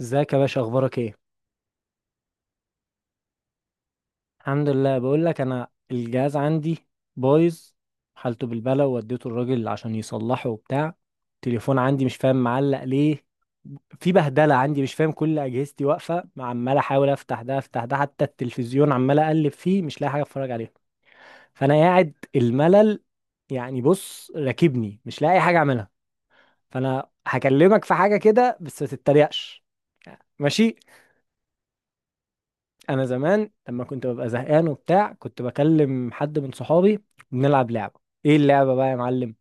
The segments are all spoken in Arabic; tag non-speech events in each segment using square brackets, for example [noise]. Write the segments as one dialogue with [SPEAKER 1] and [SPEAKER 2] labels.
[SPEAKER 1] ازيك يا باشا، اخبارك ايه؟ الحمد لله. بقول لك انا الجهاز عندي بايظ، حالته بالبلا، ووديته الراجل عشان يصلحه وبتاع. التليفون عندي مش فاهم معلق ليه. في بهدله عندي، مش فاهم، كل اجهزتي واقفه، عمال احاول افتح ده افتح ده، حتى التلفزيون عمال اقلب فيه مش لاقي حاجه اتفرج عليها. فانا قاعد الملل. يعني بص، راكبني، مش لاقي حاجه اعملها. فانا هكلمك في حاجه كده بس ما تتريقش. ماشي. انا زمان لما كنت ببقى زهقان وبتاع كنت بكلم حد من صحابي، ونلعب لعبه. ايه اللعبه بقى يا معلم؟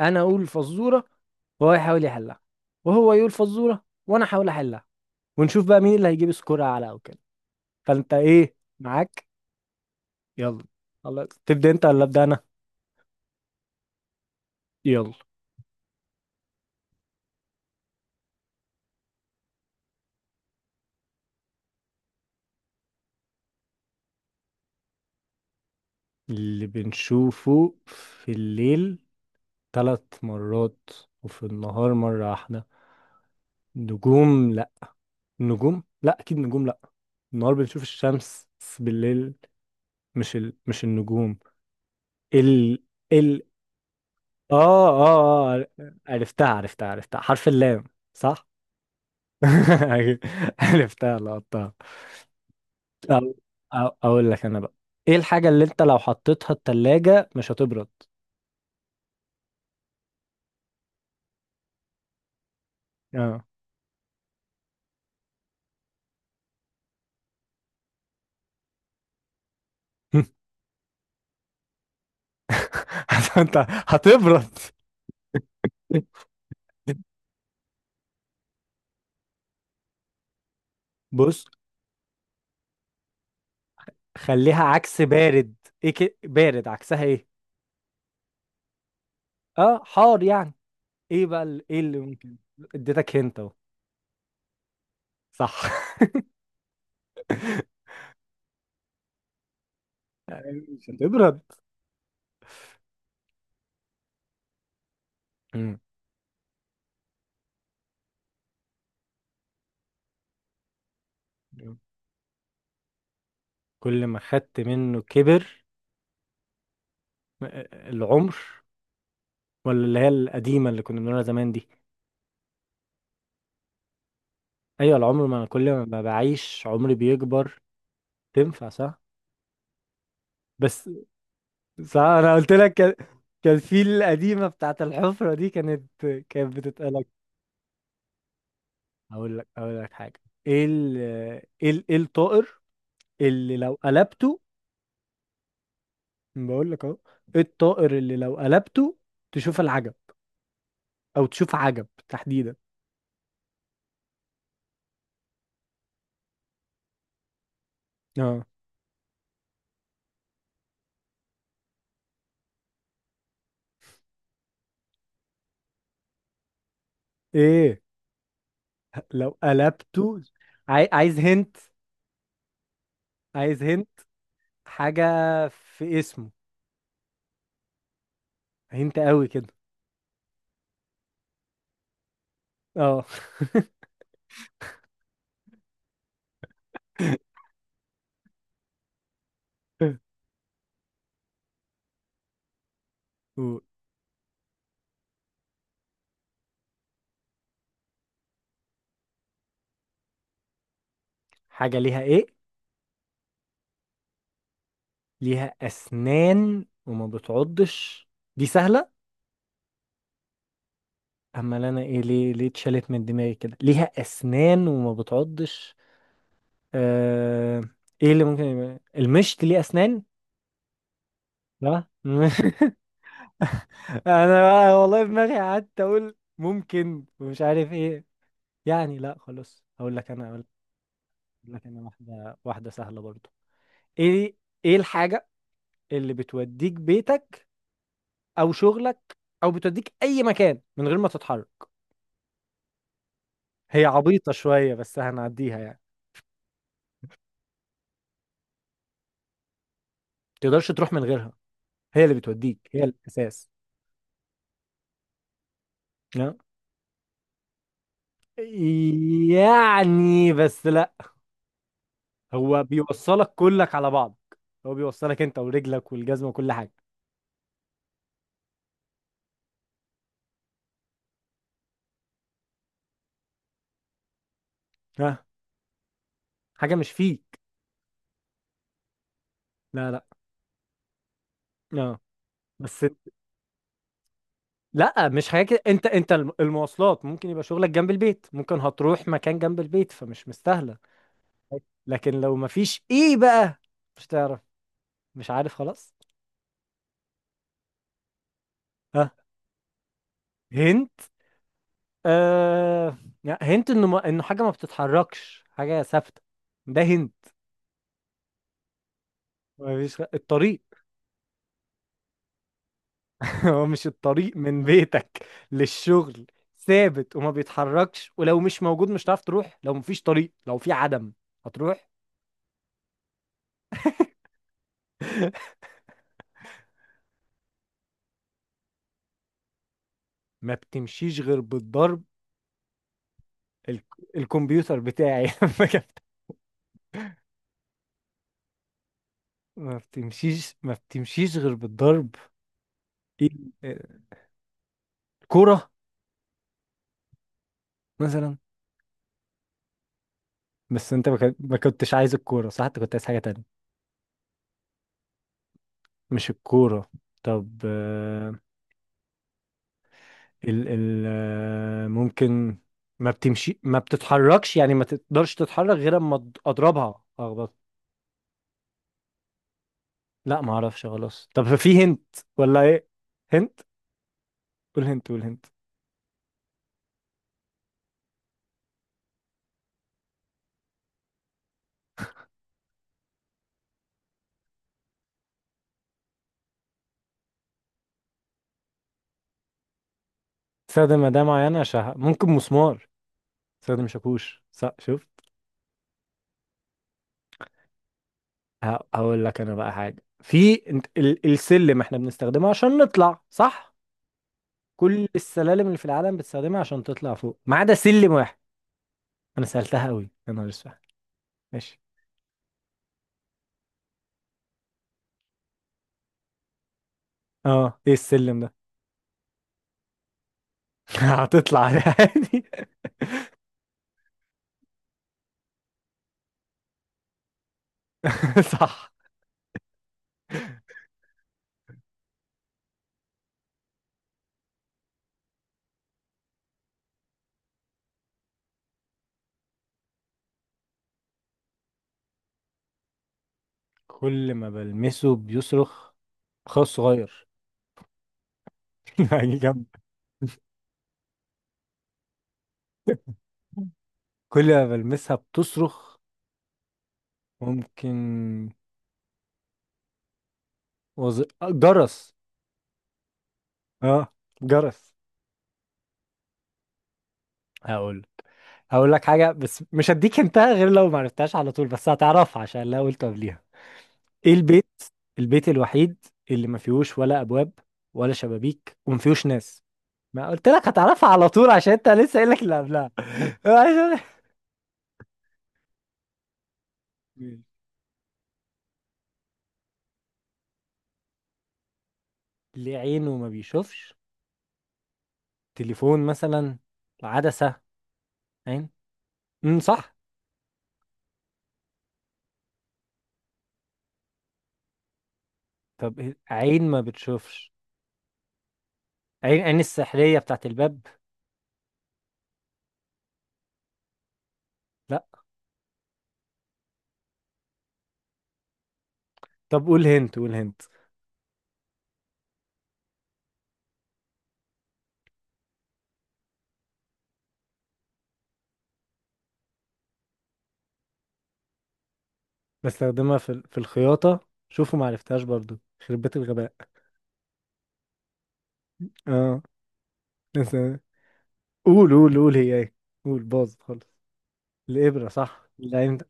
[SPEAKER 1] انا اقول فزوره وهو يحاول يحلها، وهو يقول فزوره وانا احاول احلها، ونشوف بقى مين اللي هيجيب سكور اعلى او كده. فانت ايه معاك؟ يلا. خلاص، تبدا انت ولا ابدا انا؟ يلا. اللي بنشوفه في الليل 3 مرات، وفي النهار مره واحده. نجوم؟ لا. نجوم لا، اكيد نجوم لا. النهار بنشوف الشمس، بس بالليل مش مش النجوم. ال ال اه، اه، اه، عرفتها عرفتها عرفتها، حرف اللام. صح؟ [laughs] عرفتها لقطتها. أو... اقول لك انا بقى، ايه الحاجة اللي انت لو حطيتها التلاجة مش هتبرد؟ اه. [laughs] انت. هتبرد. بص، خليها عكس بارد. ايه بارد عكسها ايه؟ اه، حار يعني. ايه بقى ايه اللي ممكن. اديتك هنت اهو. صح. [laughs] مش هتبرد. مم. كل ما خدت منه كبر. آه، العمر. ولا اللي هي القديمة اللي كنا بنقولها زمان دي؟ أيوة العمر، ما أنا كل ما بعيش عمري بيكبر. تنفع صح؟ بس، صح أنا قلت لك كان، كان في القديمة بتاعت الحفرة دي كانت بتتقالك. أقول لك حاجة. إيه ال إيه الطائر اللي لو قلبته. بقول لك أهو. إيه الطائر اللي لو قلبته تشوف العجب، أو تشوف عجب تحديدا؟ اه. إيه؟ لو قلبته. عاي... عايز هنت عايز هنت حاجة في اسمه. هنت قوي كده. اه. [laughs] قول. حاجة ليها ايه؟ ليها اسنان وما بتعضش. دي سهلة. اما انا ايه ليه اتشالت من دماغي كده، ليها اسنان وما بتعضش. آه... ايه اللي ممكن يبقى المشط ليه اسنان. لا. [laughs] انا بقى والله دماغي قعدت اقول ممكن ومش عارف ايه. يعني لا خلاص، هقول لك انا. هقول لك انا واحده، واحده سهله برضو. ايه ايه الحاجه اللي بتوديك بيتك، او شغلك، او بتوديك اي مكان من غير ما تتحرك؟ هي عبيطه شويه بس هنعديها يعني. ما تقدرش تروح من غيرها، هي اللي بتوديك، هي الاساس. لا. يعني بس لا. هو بيوصلك كلك على بعض. هو بيوصلك انت ورجلك والجزمه وكل حاجه. ها. حاجه مش فيك. لا، لا. اه. بس لا مش حاجه كده، انت المواصلات ممكن يبقى شغلك جنب البيت، ممكن هتروح مكان جنب البيت فمش مستاهله. لكن لو مفيش، ايه بقى؟ مش تعرف؟ مش عارف خلاص. ها؟ هنت. آه. لا، هنت انه حاجه ما بتتحركش، حاجه ثابته. ده هنت. مفيش الطريق. [laughs] هو مش الطريق من بيتك للشغل ثابت وما بيتحركش؟ ولو مش موجود مش هتعرف تروح، لو مفيش طريق، لو في عدم هتروح؟ [laughs] ما بتمشيش غير بالضرب. ال- الكمبيوتر بتاعي [laughs] ما بتمشيش غير بالضرب. ايه، الكورة مثلا. بس انت ما كنتش عايز الكورة، صح؟ انت كنت عايز حاجة تانية. مش الكورة. طب ال ال آه، ممكن ما بتتحركش، يعني ما تقدرش تتحرك غير اما اضربها، اخبط. لا ما اعرفش خلاص. طب في هنت ولا ايه؟ هنت. قول هنت، قول هنت. استخدم أداة معينة عشان ممكن مسمار. استخدم شاكوش، صح شوف. هقول لك انا بقى حاجه في السلم، احنا بنستخدمه عشان نطلع صح. كل السلالم اللي في العالم بتستخدمها عشان تطلع فوق ما عدا سلم واحد. انا سالتها قوي، يا نهار اسود. ماشي. اه، ايه السلم ده؟ [laughs] هتطلع عليه عادي. [laughs] صح. كل ما بلمسه بيصرخ. خاص صغير. [laughs] هيجي جنب. كل ما بلمسها بتصرخ. ممكن وز... آه، جرس. اه. جرس. هقول هقول لك حاجة، بس مش هديك انتهى غير لو ما عرفتهاش على طول، بس هتعرفها عشان لا قلت قبليها. ايه البيت، البيت الوحيد اللي ما فيهوش ولا ابواب، ولا شبابيك وما فيهوش ناس؟ ما قلت لك هتعرفها على طول عشان انت لسه قايل لك اللي قبلها. [laughs] عشان- ليه عينه ما بيشوفش؟ تليفون مثلا. عدسة. عين. صح. طب عين ما بتشوفش. عين السحرية بتاعت الباب. لا. طب قول هنت، قول هنت. بستخدمها في الخياطة. شوفوا، ما عرفتهاش برضو، خربت الغباء. اه. بس. قول، قول، قول، هي ايه؟ قول، باظ خالص. الإبرة، صح، لا انت.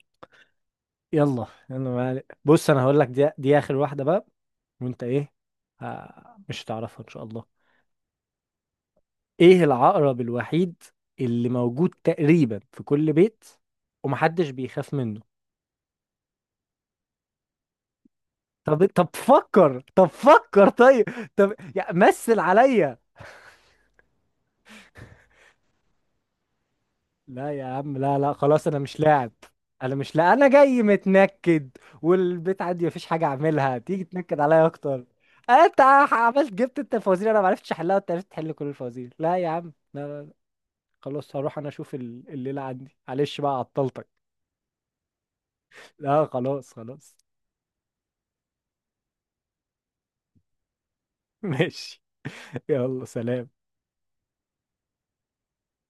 [SPEAKER 1] يلا يلا، ما عليك. بص، انا هقول لك دي اخر واحده بقى. وانت ايه؟ آه، مش هتعرفها ان شاء الله. ايه العقرب الوحيد اللي موجود تقريبا في كل بيت، ومحدش بيخاف منه؟ طب، طب فكر، طب فكر، طيب. طب يا مثل عليا. لا يا عم، لا، لا، خلاص انا مش لاعب. انا مش، لا انا جاي متنكد. والبيت عندي مفيش حاجه اعملها، تيجي تنكد عليا اكتر. أه، انت عملت جبت انت الفوازير، انا معرفتش احلها وانت عرفت تحل كل الفوازير. لا يا عم، لا، لا، لا. خلاص هروح انا اشوف الليله عندي، معلش بقى عطلتك. لا، خلاص، خلاص. [laughs] ماشي. يلا سلام.